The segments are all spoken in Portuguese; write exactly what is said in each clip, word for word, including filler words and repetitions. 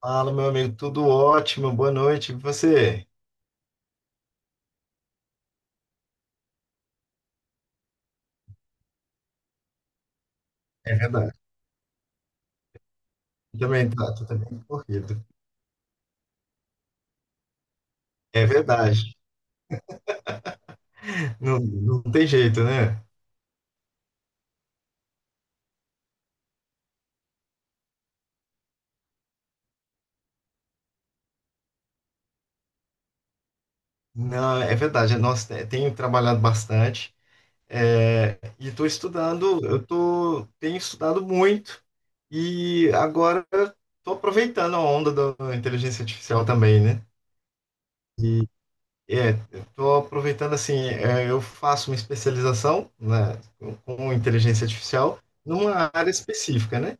Fala, meu amigo, tudo ótimo, boa noite. E você? É verdade. Eu também tá, tô também corrido. É verdade. Não, não tem jeito, né? Não, é verdade. Nossa, é, tenho trabalhado bastante, é, e estou estudando. Eu tô, tenho estudado muito e agora estou aproveitando a onda da inteligência artificial também, né? É, estou aproveitando assim, é, eu faço uma especialização, né, com, com inteligência artificial numa área específica, né?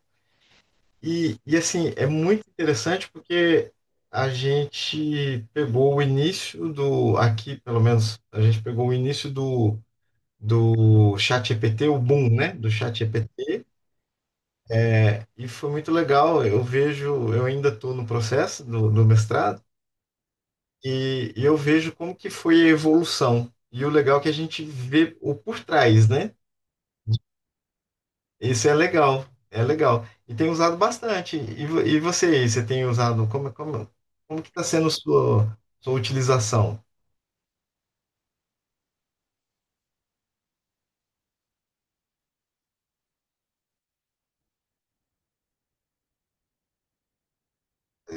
E, e assim, é muito interessante porque a gente pegou o início do, aqui pelo menos, a gente pegou o início do, do ChatGPT, o boom, né, do ChatGPT, é, e foi muito legal. Eu vejo, eu ainda estou no processo do, do mestrado. E, e eu vejo como que foi a evolução. E o legal é que a gente vê o por trás, né? Isso é legal, é legal. E tem usado bastante. E, vo- e você, você tem usado, como, como, como que está sendo sua, sua utilização?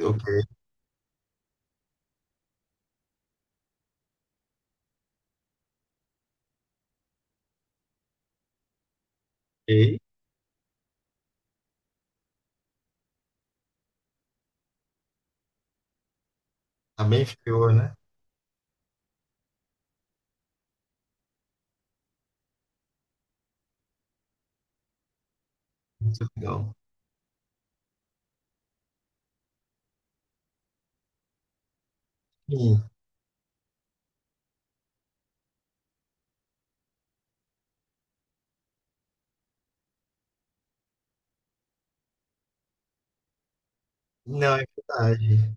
Ok, ok. Tá bem inferior, né? Muito legal. Sim. Não, é verdade.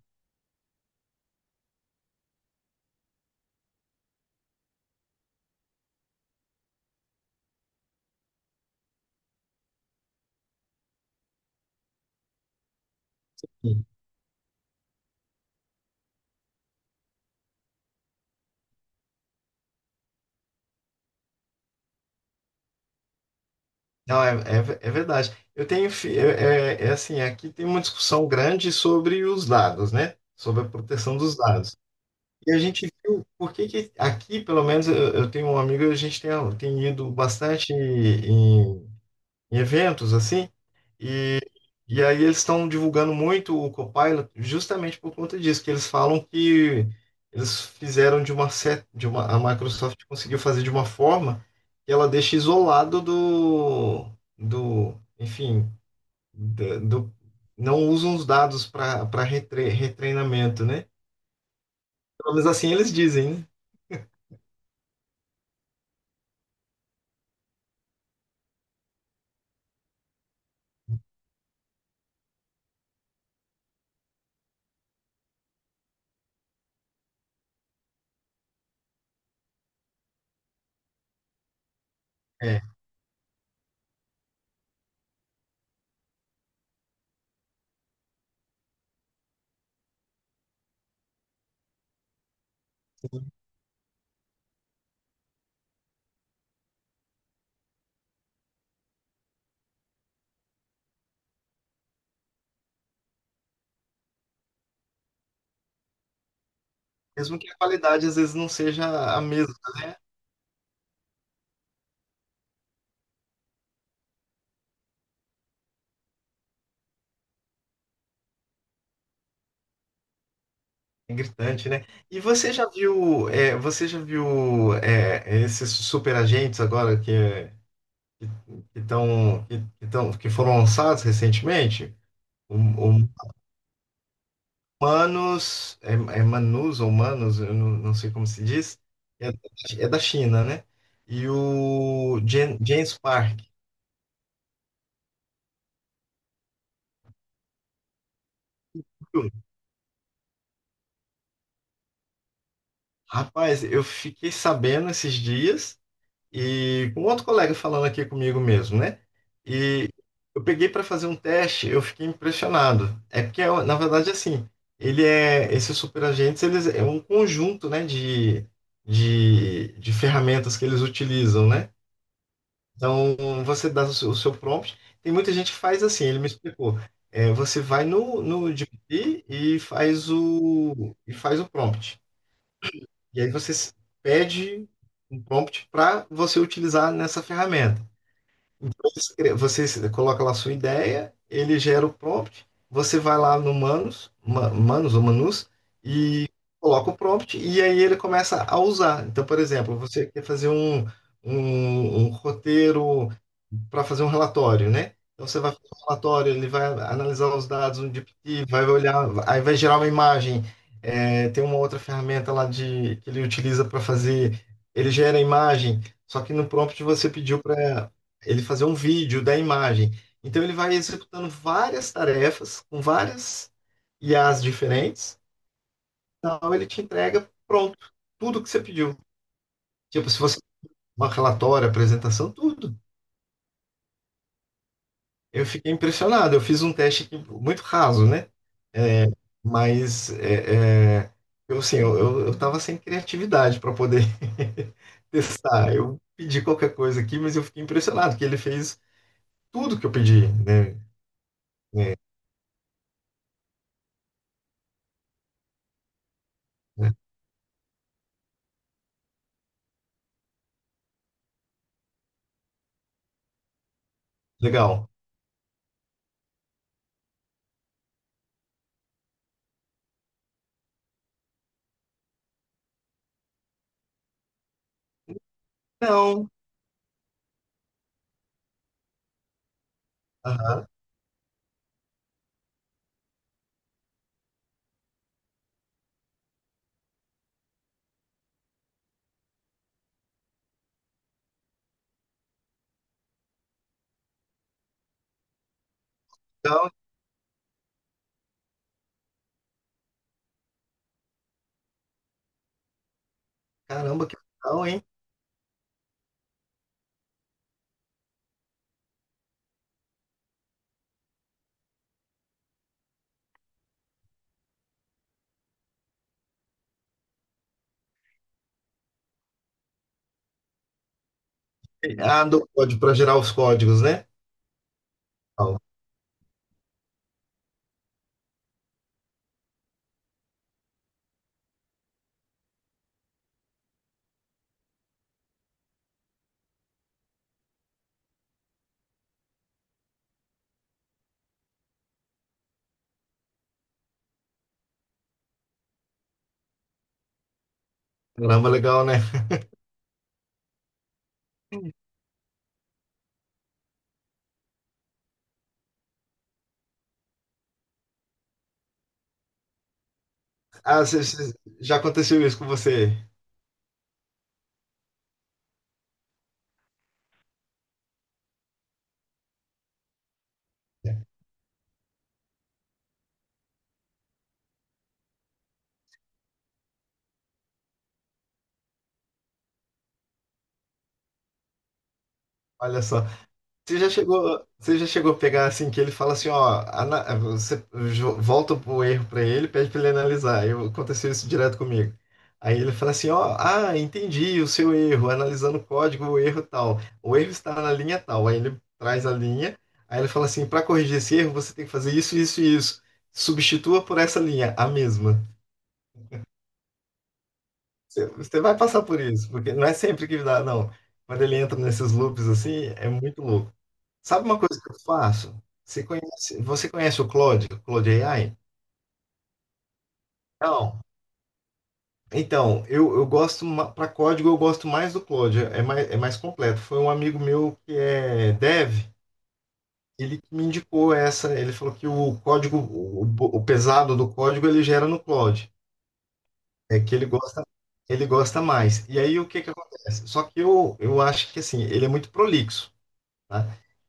Sim. Não, é, é, ve- é verdade. Eu tenho, fi- é, é é assim, aqui tem uma discussão grande sobre os dados, né? Sobre a proteção dos dados. E a gente viu por que que aqui, pelo menos eu, eu tenho um amigo, a gente tem, tem ido bastante em, em eventos assim, e, e aí eles estão divulgando muito o Copilot justamente por conta disso, que eles falam que eles fizeram de uma certa, de uma, a Microsoft conseguiu fazer de uma forma que ela deixa isolado do, do, enfim, da- do, não usam os dados para para retre, retreinamento, né? Pelo menos assim eles dizem, né? É. Mesmo que a qualidade às vezes não seja a mesma, né? É gritante, né? E você já viu, é, você já viu, é, esses super agentes agora que que que, tão, que, que, tão- que foram lançados recentemente? O, o Manus, é, é Manus ou Manus, eu não, não sei como se diz, é, é da China, né? E o Jan- James Park. Rapaz, eu fiquei sabendo esses dias, e com outro colega falando aqui comigo mesmo, né? E eu peguei para fazer um teste, eu fiquei impressionado. É porque, na verdade, assim, ele é, esses superagentes, eles é um conjunto, né, de, de, de ferramentas que eles utilizam, né? Então, você dá o seu, o seu prompt. Tem muita gente que faz assim, ele me explicou. É, você vai no, no G P T e faz o, e faz o prompt. E aí você s- pede um prompt para você utilizar nessa ferramenta. Então, você cria- você coloca lá a sua ideia, ele gera o prompt, você vai lá no Manus, Ma- Manus ou Manus, e coloca o prompt, e aí ele começa a usar. Então, por exemplo, você quer fazer um, um, um roteiro para fazer um relatório, né? Então, você vai fazer um relatório, ele vai analisar os dados no G P T, vai olhar, aí vai gerar uma imagem. É, tem uma outra ferramenta lá de, que ele utiliza para fazer, ele gera a imagem, só que no prompt você pediu para ele fazer um vídeo da imagem. Então ele vai executando várias tarefas com várias I As diferentes, então ele te entrega pronto, tudo que você pediu. Tipo, se você uma relatório, apresentação, tudo. Eu fiquei impressionado. Eu fiz um teste aqui muito raso, né? É, mas é, é, eu assim, eu, eu, eu tava sem criatividade para poder testar. Eu pedi qualquer coisa aqui, mas eu fiquei impressionado que ele fez tudo que eu pedi, né? É, né? Legal. Não, aham. Então, caramba, que legal, hein? Ah, do código para gerar os códigos, né? Ó, caramba, legal, né? Ah, cê- cê- já aconteceu isso com você. Olha só. Você já chegou, você já chegou a pegar assim que ele fala assim, ó, ana- você jo- volta o erro para ele, pede para ele analisar. Eu aconteceu isso direto comigo. Aí ele fala assim, ó, ah, entendi o seu erro, analisando o código, o erro tal. O erro está na linha tal. Aí ele traz a linha, aí ele fala assim, para corrigir esse erro, você tem que fazer isso, isso e isso. Substitua por essa linha, a mesma. Você você vai passar por isso, porque não é sempre que dá, não. Quando ele entra nesses loops assim, é muito louco. Sabe uma coisa que eu faço? Você conhece, você conhece o Claude, o Claude A I? Não. Então, eu, eu gosto, para código, eu gosto mais do Claude, é mais, é mais completo. Foi um amigo meu que é dev, ele que me indicou essa, ele falou que o código, o, o pesado do código, ele gera no Claude, é que ele gosta, ele gosta mais. E aí, o que que acontece? Só que eu, eu acho que, assim, ele é muito prolixo, né?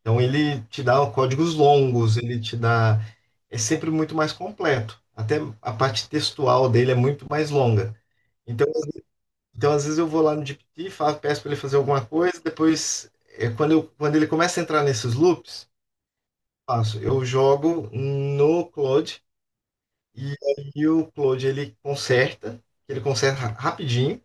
Então ele te dá códigos longos, ele te dá. É sempre muito mais completo. Até a parte textual dele é muito mais longa. Então, então às vezes eu vou lá no G P T, falo, peço para ele fazer alguma coisa, depois, é, quando, eu, quando ele começa a entrar nesses loops, faço, eu jogo no Cloud, e aí o Cloud ele conserta, ele conserta rapidinho.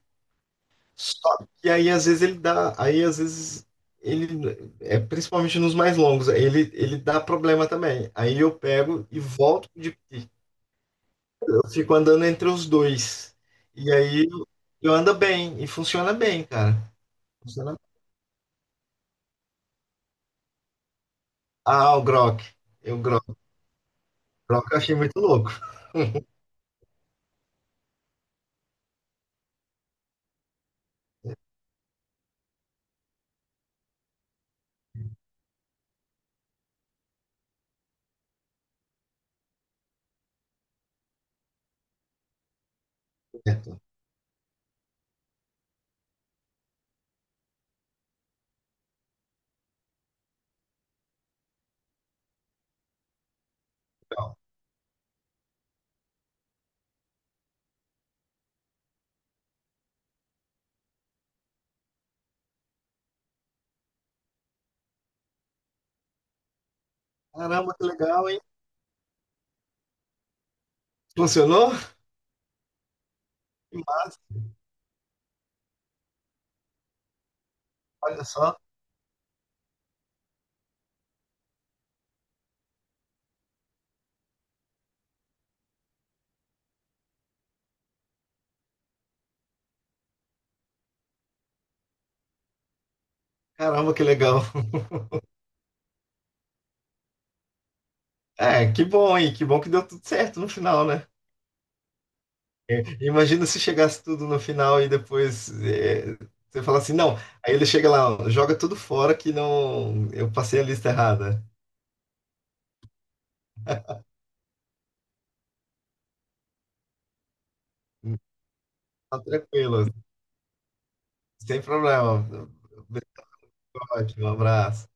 Só que aí às vezes ele dá, aí às vezes ele é principalmente nos mais longos, ele ele dá problema também. Aí eu pego e volto de pique. Eu fico andando entre os dois. E aí eu, eu ando bem e funciona bem, cara. Funciona. Ah, o Grok. Eu Grok, Grok eu achei muito louco. Certo, legal. Caramba, que legal, hein? Funcionou? Que massa. Olha só. Caramba, que legal. É, que bom, hein? Que bom que deu tudo certo no final, né? Imagina se chegasse tudo no final e depois é, você fala assim, não. Aí ele chega lá, joga tudo fora que não. Eu passei a lista errada. Tá tranquilo, sem problema. Ótimo, um abraço.